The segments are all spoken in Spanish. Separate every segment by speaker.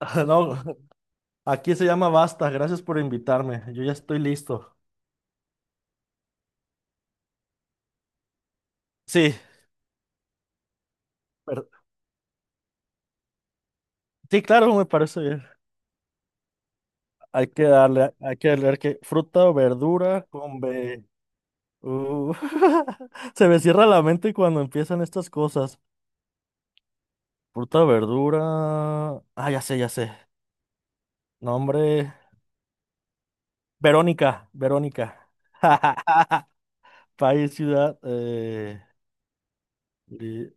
Speaker 1: No, aquí se llama Basta. Gracias por invitarme. Yo ya estoy listo. Sí, per- sí, claro, me parece bien. Hay que darle, hay que leer que fruta o verdura con B. Uh, Se me cierra la mente cuando empiezan estas cosas. Fruta o verdura. Ah, ya sé, ya sé. Nombre. Verónica, Verónica. País, ciudad. Li-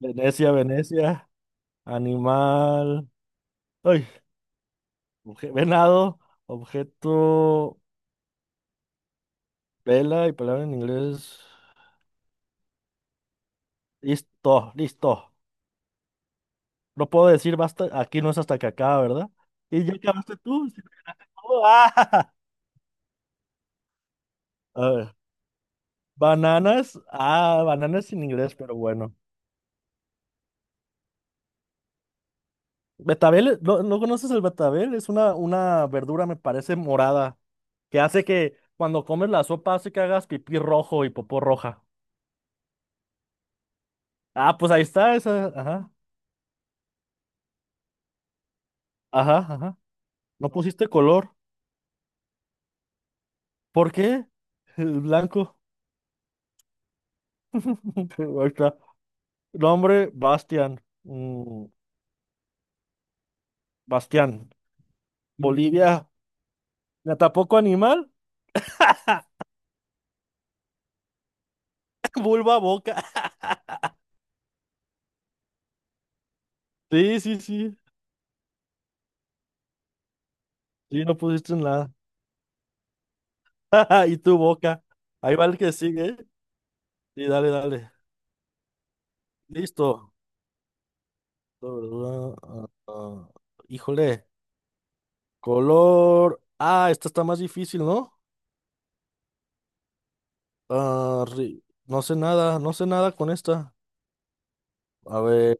Speaker 1: Venecia, Venecia. Animal. Ay, venado, objeto, vela y palabra en inglés. Listo, listo. No puedo decir basta, aquí no es hasta que acaba, ¿verdad? Y ya acabaste tú. Sí, no, ah. A ver, bananas en inglés, pero bueno. Betabel, ¿no, no conoces el betabel? Es una verdura, me parece, morada, que hace que cuando comes la sopa hace que hagas pipí rojo y popó roja. Ah, pues ahí está esa, ajá, ajá, ajá. No pusiste color. ¿Por qué? El blanco. Ahí está. Nombre, Bastian. Bastián. Bolivia. ¿Me tampoco animal? Vulva, boca. Sí, sí, sí. Sí, no pusiste nada. Y tu boca. Ahí va el que sigue. ¿Eh? Sí, dale, dale. Listo. Ah, ah, ah. Híjole. Color. Ah, esta está más difícil, ¿no? Ah, no sé nada, no sé nada con esta. A ver.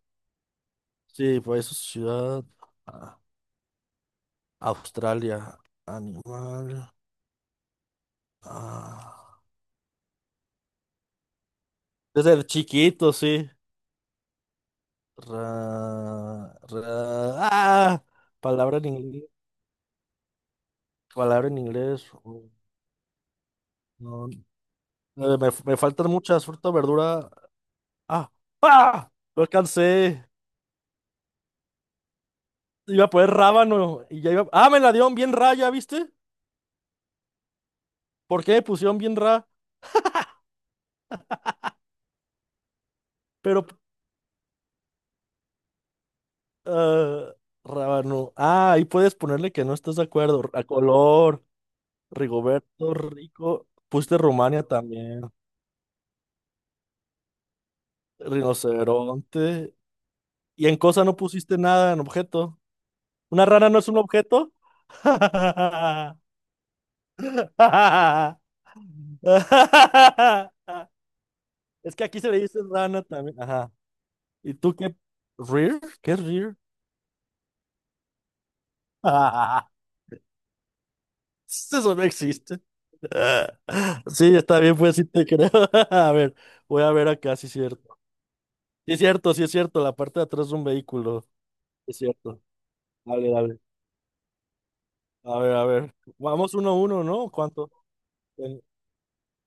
Speaker 1: Sí, pues ciudad. Ah, Australia. Animal. Ah, desde chiquito, sí. Ra- ra- ah, palabra en inglés. Palabra en inglés. Oh, no, me faltan muchas frutas, verdura. Ah, ah, lo alcancé. Iba a poner rábano y ya iba. Ah, me la dieron bien ra, ¿ya viste? ¿Por qué me pusieron bien ra? Pero ah, rábano. Ah, ahí puedes ponerle que no estás de acuerdo. A color, Rigoberto, rico. Pusiste Rumania también. Rinoceronte. Y en cosa no pusiste nada en objeto. ¿Una rana no es un objeto? Es que aquí se le dice rana también. Ajá. ¿Y tú qué? ¿Rear? ¿Qué es rear? Eso no existe. Sí, está bien, pues sí te creo. A ver, voy a ver acá, sí es cierto. Sí es cierto, sí es cierto, la parte de atrás es un vehículo. Es cierto. Dale, dale. A ver, a ver. Vamos uno a uno, ¿no? ¿Cuánto? En-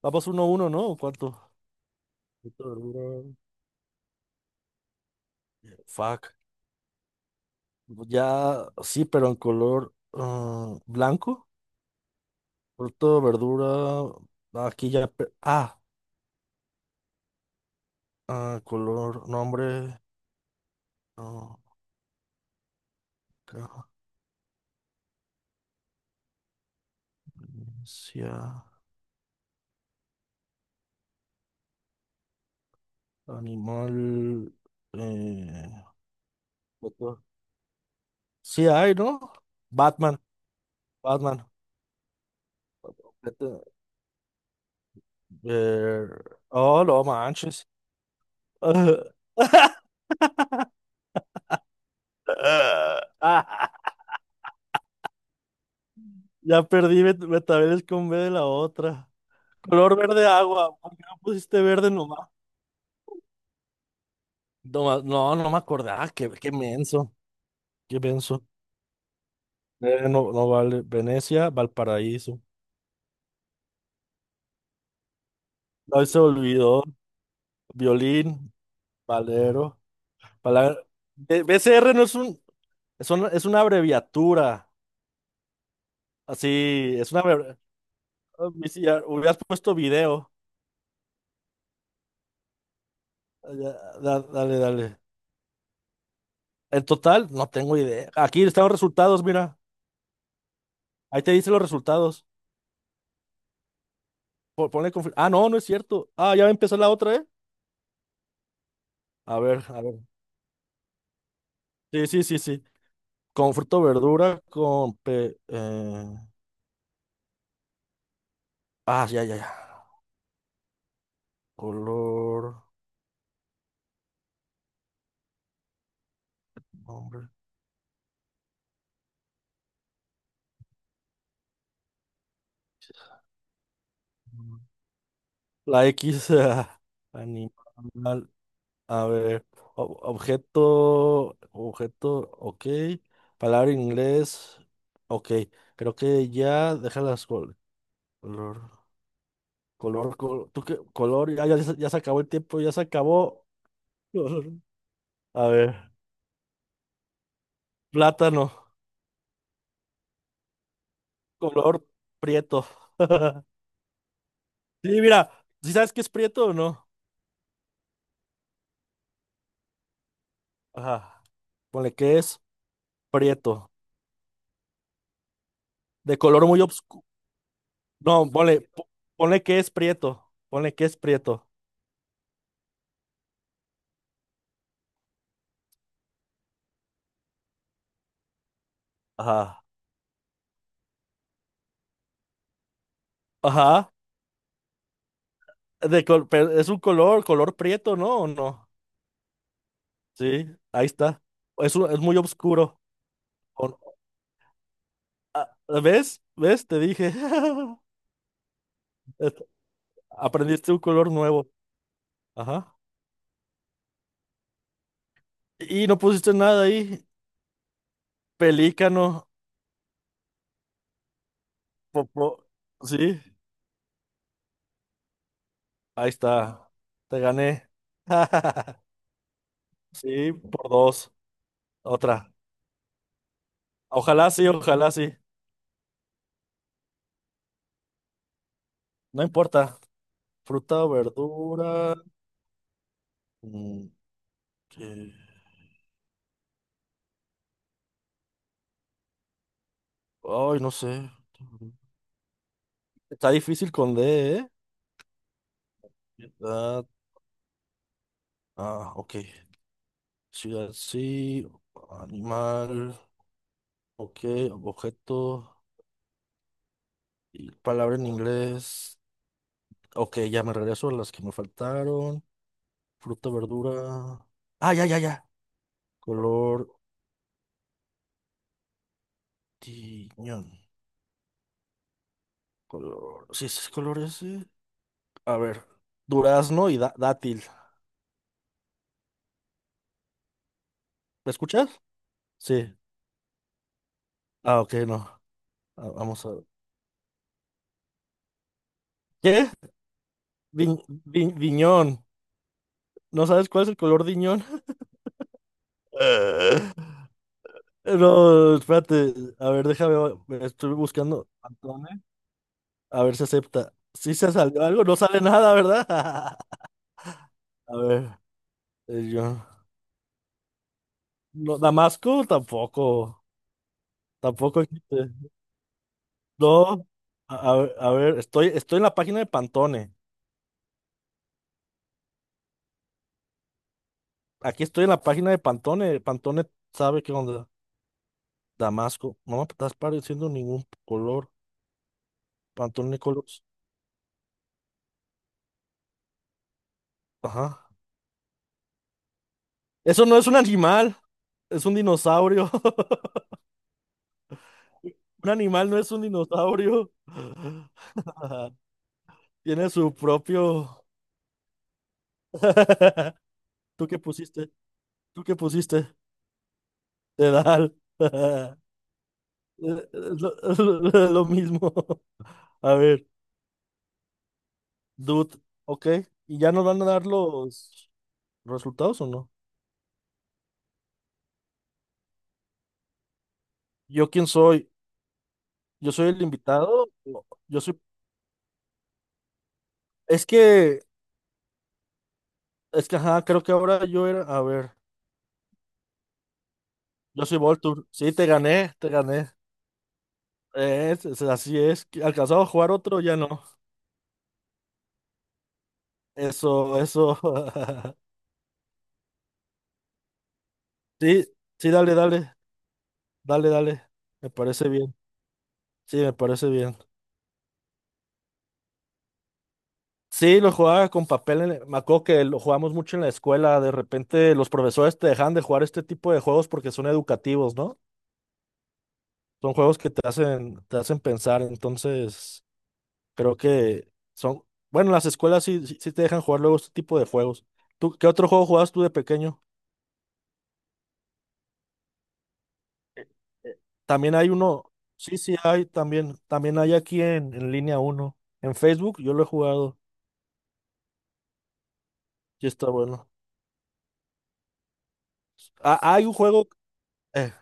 Speaker 1: Vamos uno a uno, ¿no? ¿Cuánto? Puto duro. Fuck. Ya, sí, pero en color blanco. Fruto, verdura. Aquí ya. Ah, ah, color, nombre. Ah, ca- animal. Eh, otro. Sí, hay, ¿no? Batman, Batman. Eh, oh, no manches. Ah, ya perdí, me con B de la otra. Color verde agua. ¿Por qué no pusiste verde nomás? No, no me acordaba. Qué menso. Qué menso. No, no vale. Venecia, Valparaíso. No se olvidó. Violín, Valero. Palabra... BCR no es un, es una abreviatura. Así, es una abreviatura. Hubieras puesto video. Ah, Ya, Dale, dale. En total, no tengo idea. Aquí están los resultados, mira. Ahí te dicen los resultados. Ponle Ah, no, no es cierto. Ah, ya va a empezar la otra, ¿eh? A ver, a ver. Sí, sí, sí, sí. Con fruta o verdura, con... Ah, ya, ya, ya. Color, nombre. La X, animal. A ver. Objeto, objeto, ok. Palabra en inglés, ok. Creo que ya, déjalas color. Color, ¿tú qué? Color, ya, ya, ya se acabó el tiempo, ya se acabó. A ver. Plátano, color prieto. Sí, mira, ¿sí sabes qué es prieto o no? Ajá. Ponle que es prieto. De color muy oscuro. No, ponle que es prieto. Ponle que es prieto. Ajá. Ajá. Pero es un color, color prieto, ¿no? ¿O no? Sí, ahí está. Es muy oscuro. O- no, ¿Ves? ¿Ves? Te dije. Es- Aprendiste un color nuevo. Ajá. Y no pusiste nada ahí. Pelícano. Popo. Sí, ahí está. Te gané. Sí, por dos. Otra. Ojalá sí, ojalá sí. No importa. Fruta, o verdura. mm, ¿qué? Ay, no sé. Está difícil con D, ¿eh? Ciudad, Ah, ok. Ciudad, sí. Animal. Ok. Objeto. Y palabra en inglés. Ok, ya me regreso a las que me faltaron. Fruta, verdura. Ah, ya, ya, ya. Color. Tiñón. Color. Sí, ese es color ese. A ver, durazno y dátil. ¿Me escuchas? Sí. Ah, ok, no. Ah, vamos a ver. ¿Qué? Di- diñón. ¿No sabes cuál es el color diñón? Eh. No, espérate. A ver, déjame. Me Estoy buscando. Pantone. A ver si acepta. Si se salió algo, no sale nada, ¿verdad? A ver, yo. No, Damasco tampoco. Tampoco existe. No. A ver, a ver, estoy en la página de Pantone. Aquí estoy en la página de Pantone. Pantone sabe que onda. Damasco. No me estás pareciendo ningún color. Pantone Colors. Ajá. Eso no es un animal. Es un dinosaurio. Un animal no es un dinosaurio. Tiene su propio. ¿Tú qué pusiste? ¿Tú qué pusiste? Dedal. Lo, lo mismo. A ver, dude. Ok. ¿Y ya nos van a dar los resultados o no? ¿Yo quién soy? Yo soy el invitado. Yo soy. Es que, es que, ajá, creo que ahora yo era. A ver, yo soy Voltur. Sí, te gané, te gané. Así es. ¿Que ¿Alcanzado a jugar otro? Ya no. Eso, eso. Sí, sí, dale, dale. Dale, dale. Me parece bien. Sí, me parece bien. Sí, lo jugaba con papel. En Me acuerdo que lo jugamos mucho en la escuela. De repente los profesores te dejan de jugar este tipo de juegos porque son educativos, ¿no? Son juegos que te hacen, pensar. Entonces. Creo que son, bueno, las escuelas sí, sí, sí te dejan jugar luego este tipo de juegos. ¿Tú qué otro juego jugabas tú de pequeño? Eh, También hay uno, sí, sí hay, también hay aquí en línea uno. En Facebook yo lo he jugado y está bueno. Ah, hay un juego eh,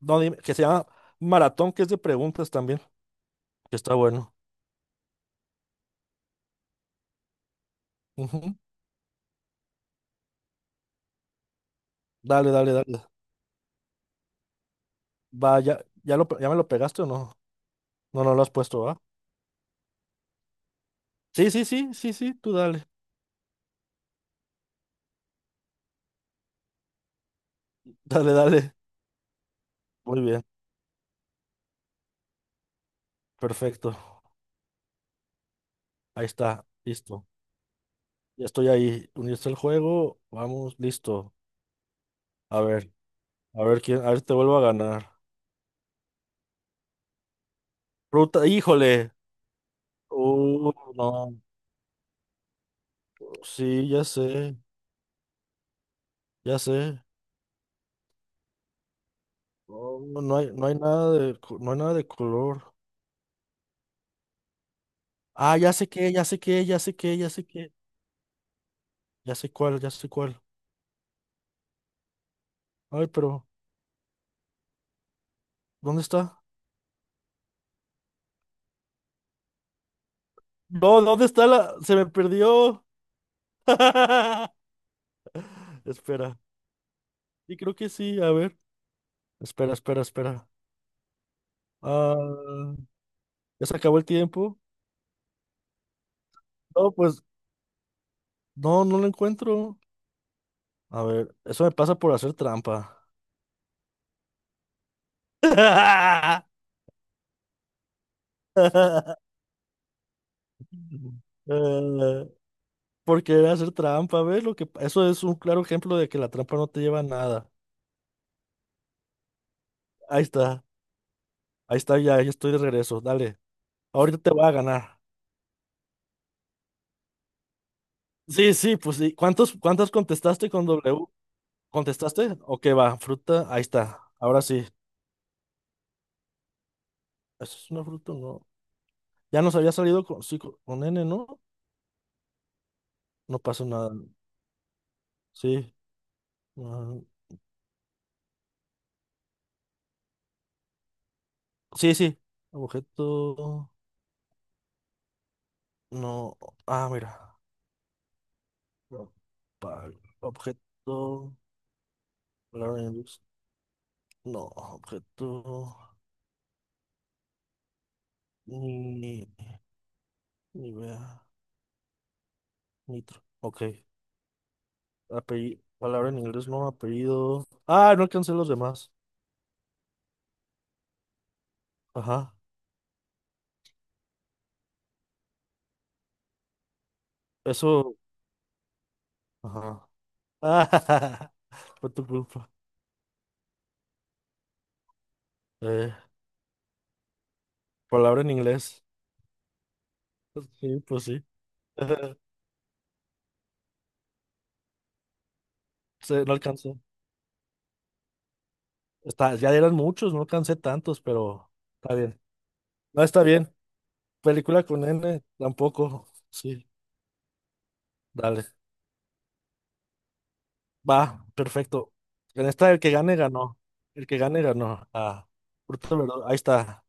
Speaker 1: no, dime, que se llama Maratón, que es de preguntas también, que está bueno. Ujú. Dale, dale, dale. Vaya, ya me lo pegaste o no? No, no lo has puesto, ¿va? Sí, sí, sí, sí, sí, tú dale. Dale, dale. Muy bien, perfecto. Ahí está, listo. Ya estoy ahí. Unirse al juego. Vamos, listo. A ver, a ver quién, a ver si te vuelvo a ganar. Ruta, híjole. No. Sí, ya sé, ya sé. No, no hay nada de, no hay nada de color. Ah, ya sé qué, ya sé qué, ya sé qué, ya sé qué. Ya sé cuál, ya sé cuál. Ay, pero, ¿dónde está? No, ¿dónde está la? Se me perdió. Espera. Sí, creo que sí. A ver. Espera, espera, espera. Ah. Ya se acabó el tiempo. No, pues, no, no lo encuentro. A ver, eso me pasa por hacer trampa. Eh, por querer hacer trampa, ¿ves? Eso es un claro ejemplo de que la trampa no te lleva a nada. Ahí está, ahí está, ya, ya estoy de regreso. Dale, ahorita te voy a ganar. Sí, sí, pues sí. ¿Cuántos, cuántas contestaste con W? ¿Contestaste? Ok, va, fruta, ahí está. Ahora sí. ¿Eso es una fruta? O No. Ya nos había salido con, sí, con N, ¿no? No pasó nada. Sí. Ah, sí, sí. Objeto. No. Ah, mira. No. pa- Objeto. Palabra en luz. No. Objeto. Ni. Ni vea. Nitro. Ok. Apellido. Palabra en inglés, no. Apellido. Ah, no alcancé los demás. Ajá. Eso. Ajá. Fue tu culpa. Eh, palabra en inglés. Sí, pues sí. Sí, no alcancé. Está, ya eran muchos, no alcancé tantos, pero. Está bien. No está bien. Película con N tampoco. Sí, dale. Va, perfecto. En esta el que gane ganó. El que gane ganó. Ah, fruta, verdura, Ahí está.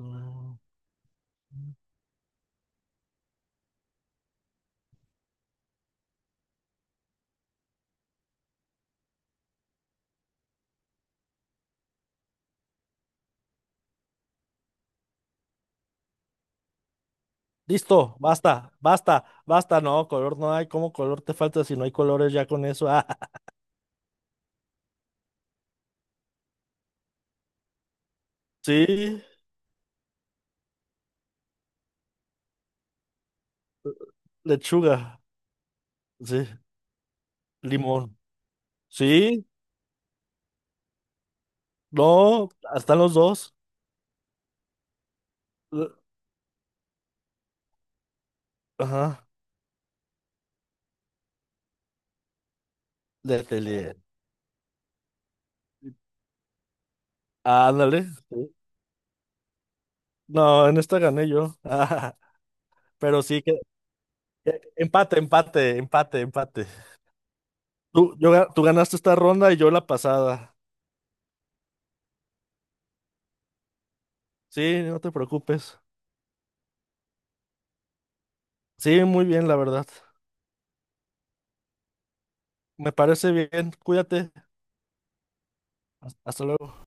Speaker 1: Mm, Listo, basta, basta, basta. No, color no hay. ¿Cómo color te falta si no hay colores ya con eso? Ah, sí, lechuga. Sí, limón. Sí, no, están los dos. Eh, Ajá, le, le- le- Ándale. Sí. No, en esta gané yo. Pero sí, empate, empate, empate, empate. Tú ganaste esta ronda y yo la pasada. Sí, no te preocupes. Sí, muy bien, la verdad. Me parece bien. Cuídate. Hasta luego.